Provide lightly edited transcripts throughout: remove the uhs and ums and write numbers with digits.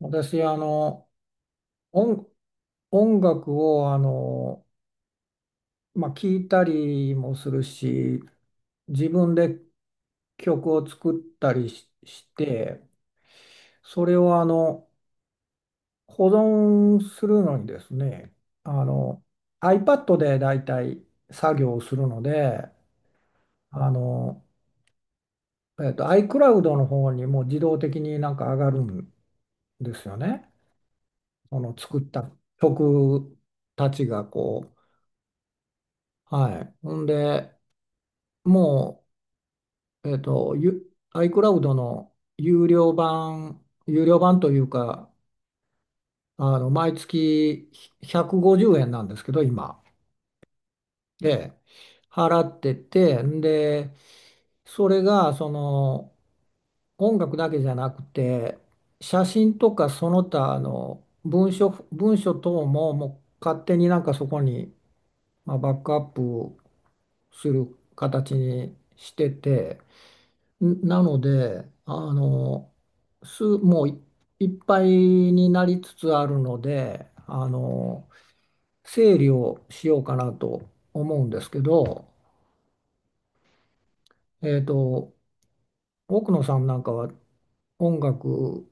私、音、音楽を、まあ、聞いたりもするし、自分で曲を作ったりし、して、それを、保存するのにですね。あの、iPad でだいたい作業をするので、あの、iCloud の方にもう自動的になんか上がるんですよね。その作った曲たちがこう。はい。ほんで、もう、えっと、ゆ iCloud の有料版というか、毎月150円なんですけど、今。で、払ってて、それが、音楽だけじゃなくて、写真とかその他の文書等も、もう勝手になんかそこに、まあ、バックアップする形にしてて、なので、あの、す、もうい、いっぱいになりつつあるので、整理をしようかなと思うんですけど、えっと、奥野さんなんかは音楽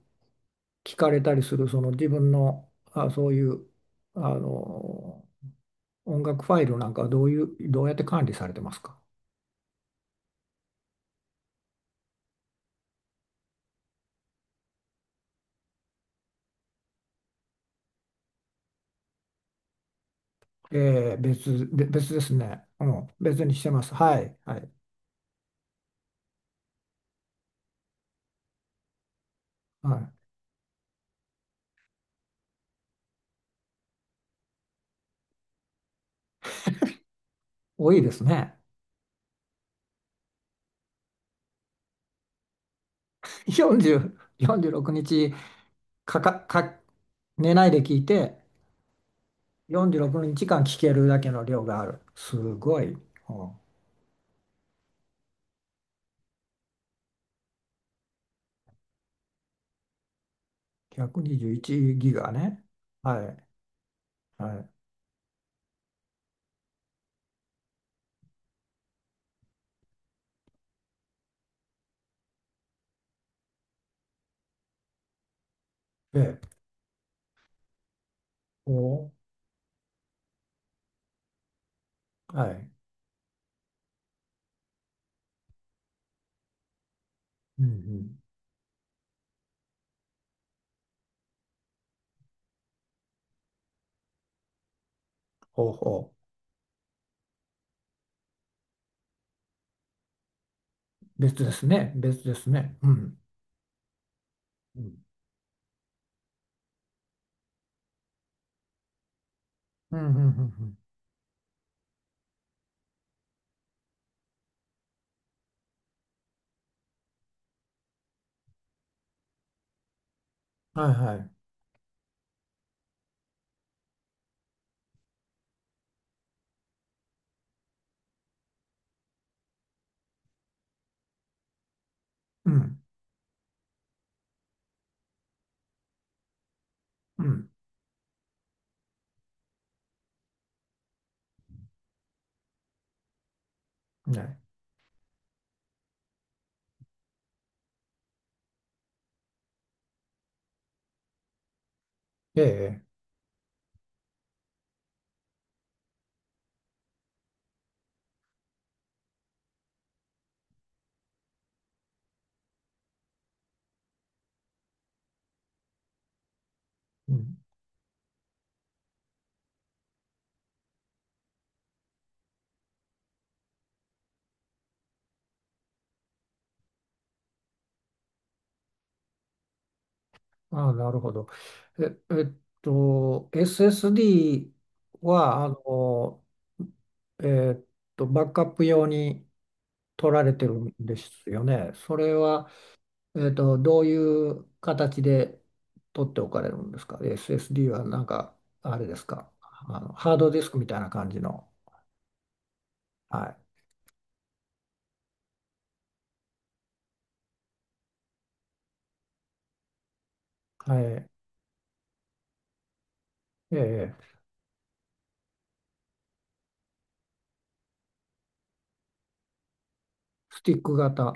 聴かれたりする、その自分の、あ、そういう、あの、音楽ファイルなんかはどうやって管理されてますか？えー別ですね。うん、別にしてます。はい、はい、はい。多いですね。40、46日。かか、か、寝ないで聞いて、46日間聞けるだけの量がある。すごい。うん、121ギガね。はい。はい。お、はい。うんうん。ほうほう。別ですね。別ですね。うん。うんうんうんうんうん。はいはい。うん。うん。ね。ええ。ああ、なるほど。え、えっSSD は、えっバックアップ用に取られてるんですよね。それは、どういう形で取っておかれるんですか？ SSD はなんか、あれですか？ハードディスクみたいな感じの。はい。はい。ええ、スティック型。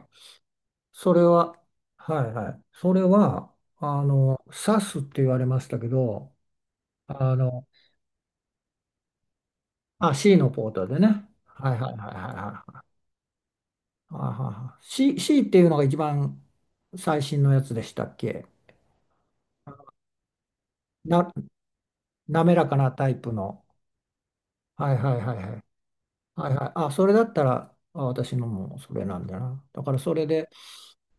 それは、はいはい。それは、s ス s って言われましたけど、あの、C のポートでね。はいはいはいはいはい。あはは、 C っていうのが一番最新のやつでしたっけ？な、滑らかなタイプの。はいはいはいはい。はいはい。あ、それだったら、あ、私のもそれなんだな。だからそれで、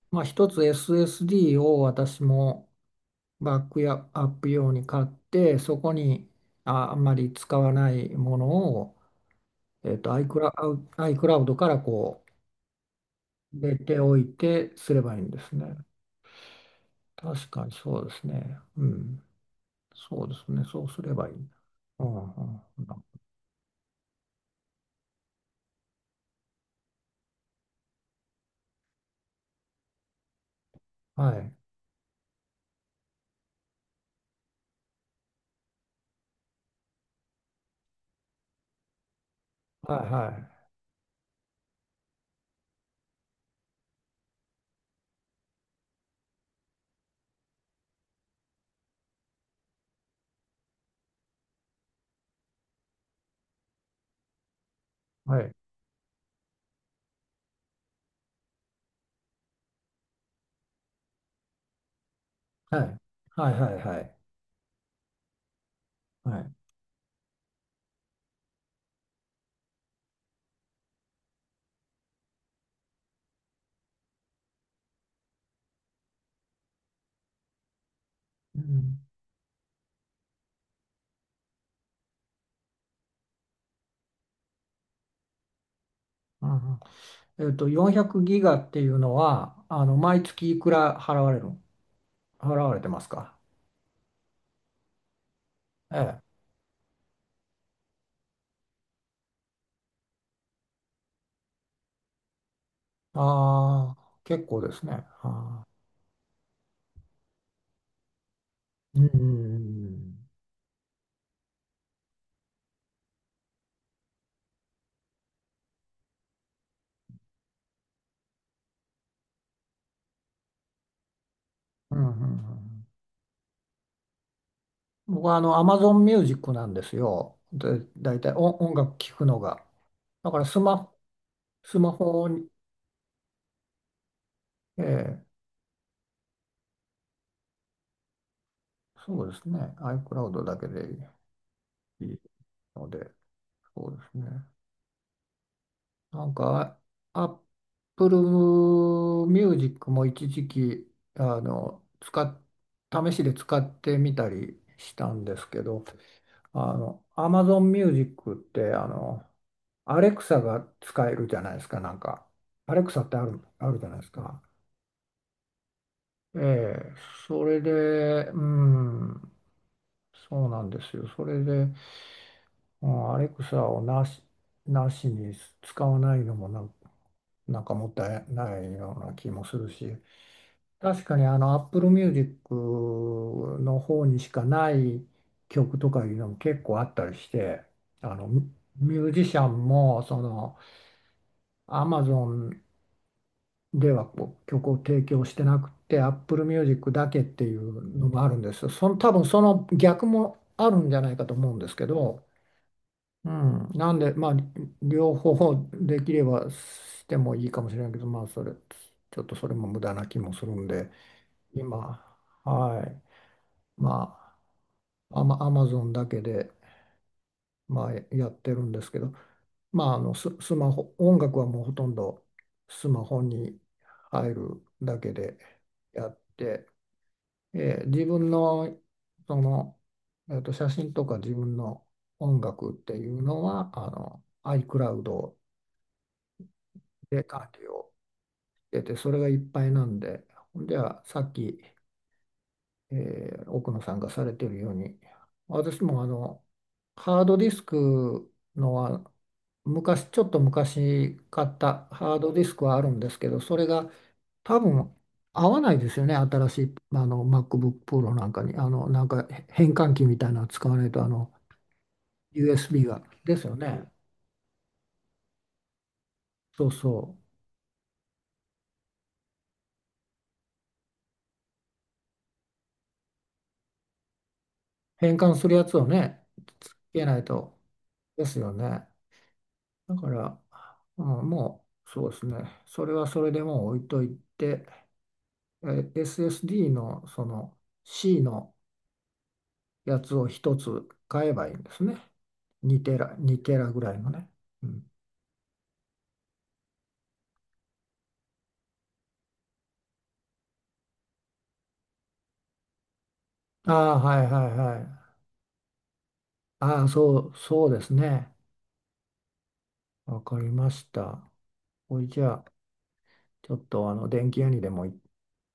まあ一つ SSD を私もバックやアップ用に買って、そこにあんまり使わないものを、iCloud からこう入れておいてすればいいんですね。確かにそうですね。うん。そうですね。そうすればいい。うん、うん、うん。はい。はい、はい、はい。はい、はい、はい、はい。はい。うん、うん、うん。400ギガっていうのは、毎月いくら払われる、払われてますか？ええ。ああ、結構ですね。うん、うん、うん。うんうんうん。僕はAmazon Music なんですよ。で、大体音楽聴くのが。だからスマホ。ええ、そうですね。iCloud だけでいいので、そうですね。なんか、あ Apple Music も一時期、あの、使っ、試しで使ってみたりしたんですけど、Amazon Music って、Alexa が使えるじゃないですか、なんか。Alexa ってあるじゃないですか。ええ、それで、うん、そうなんですよ。それで、うん、アレクサをなしに使わないのもなんかもったいないような気もするし、確かにApple Music の方にしかない曲とかいうのも結構あったりして、あのミミュージシャンもAmazon ではこう曲を提供してなくて Apple Music だけっていうのもあるんですよ。その多分その逆もあるんじゃないかと思うんですけど。うん、なんで、まあ、両方できればしてもいいかもしれないけど、ちょっとそれも無駄な気もするんで、今、はい、まあ、アマゾンだけで、まあ、やってるんですけど、まあ、スマホ、音楽はもうほとんどスマホに入るだけでやって、自分の、その、写真とか自分の音楽っていうのは、iCloud で管理をしてて、それがいっぱいなんで、ほんではさっき、え奥野さんがされてるように、私もハードディスクのは、ちょっと昔買ったハードディスクはあるんですけど、それが多分合わないですよね、新しいMacBook Pro なんかに、なんか変換器みたいなの使わないと、USB が。ですよね。そうそう。変換するやつをね、つけないと。ですよね。だから、うん、もうそうですね、それはそれでもう置いといて、え SSD のC のやつを一つ買えばいいんですね。2テラ、2テラぐらいのね。うん、ああ、はいはいはい。ああ、そう、そうですね。わかりました。これじゃあ、ちょっと電気屋にでもいち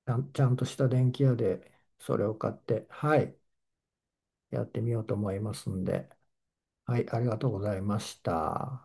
ゃん、ちゃんとした電気屋でそれを買って、はい、やってみようと思いますんで、はい、ありがとうございました。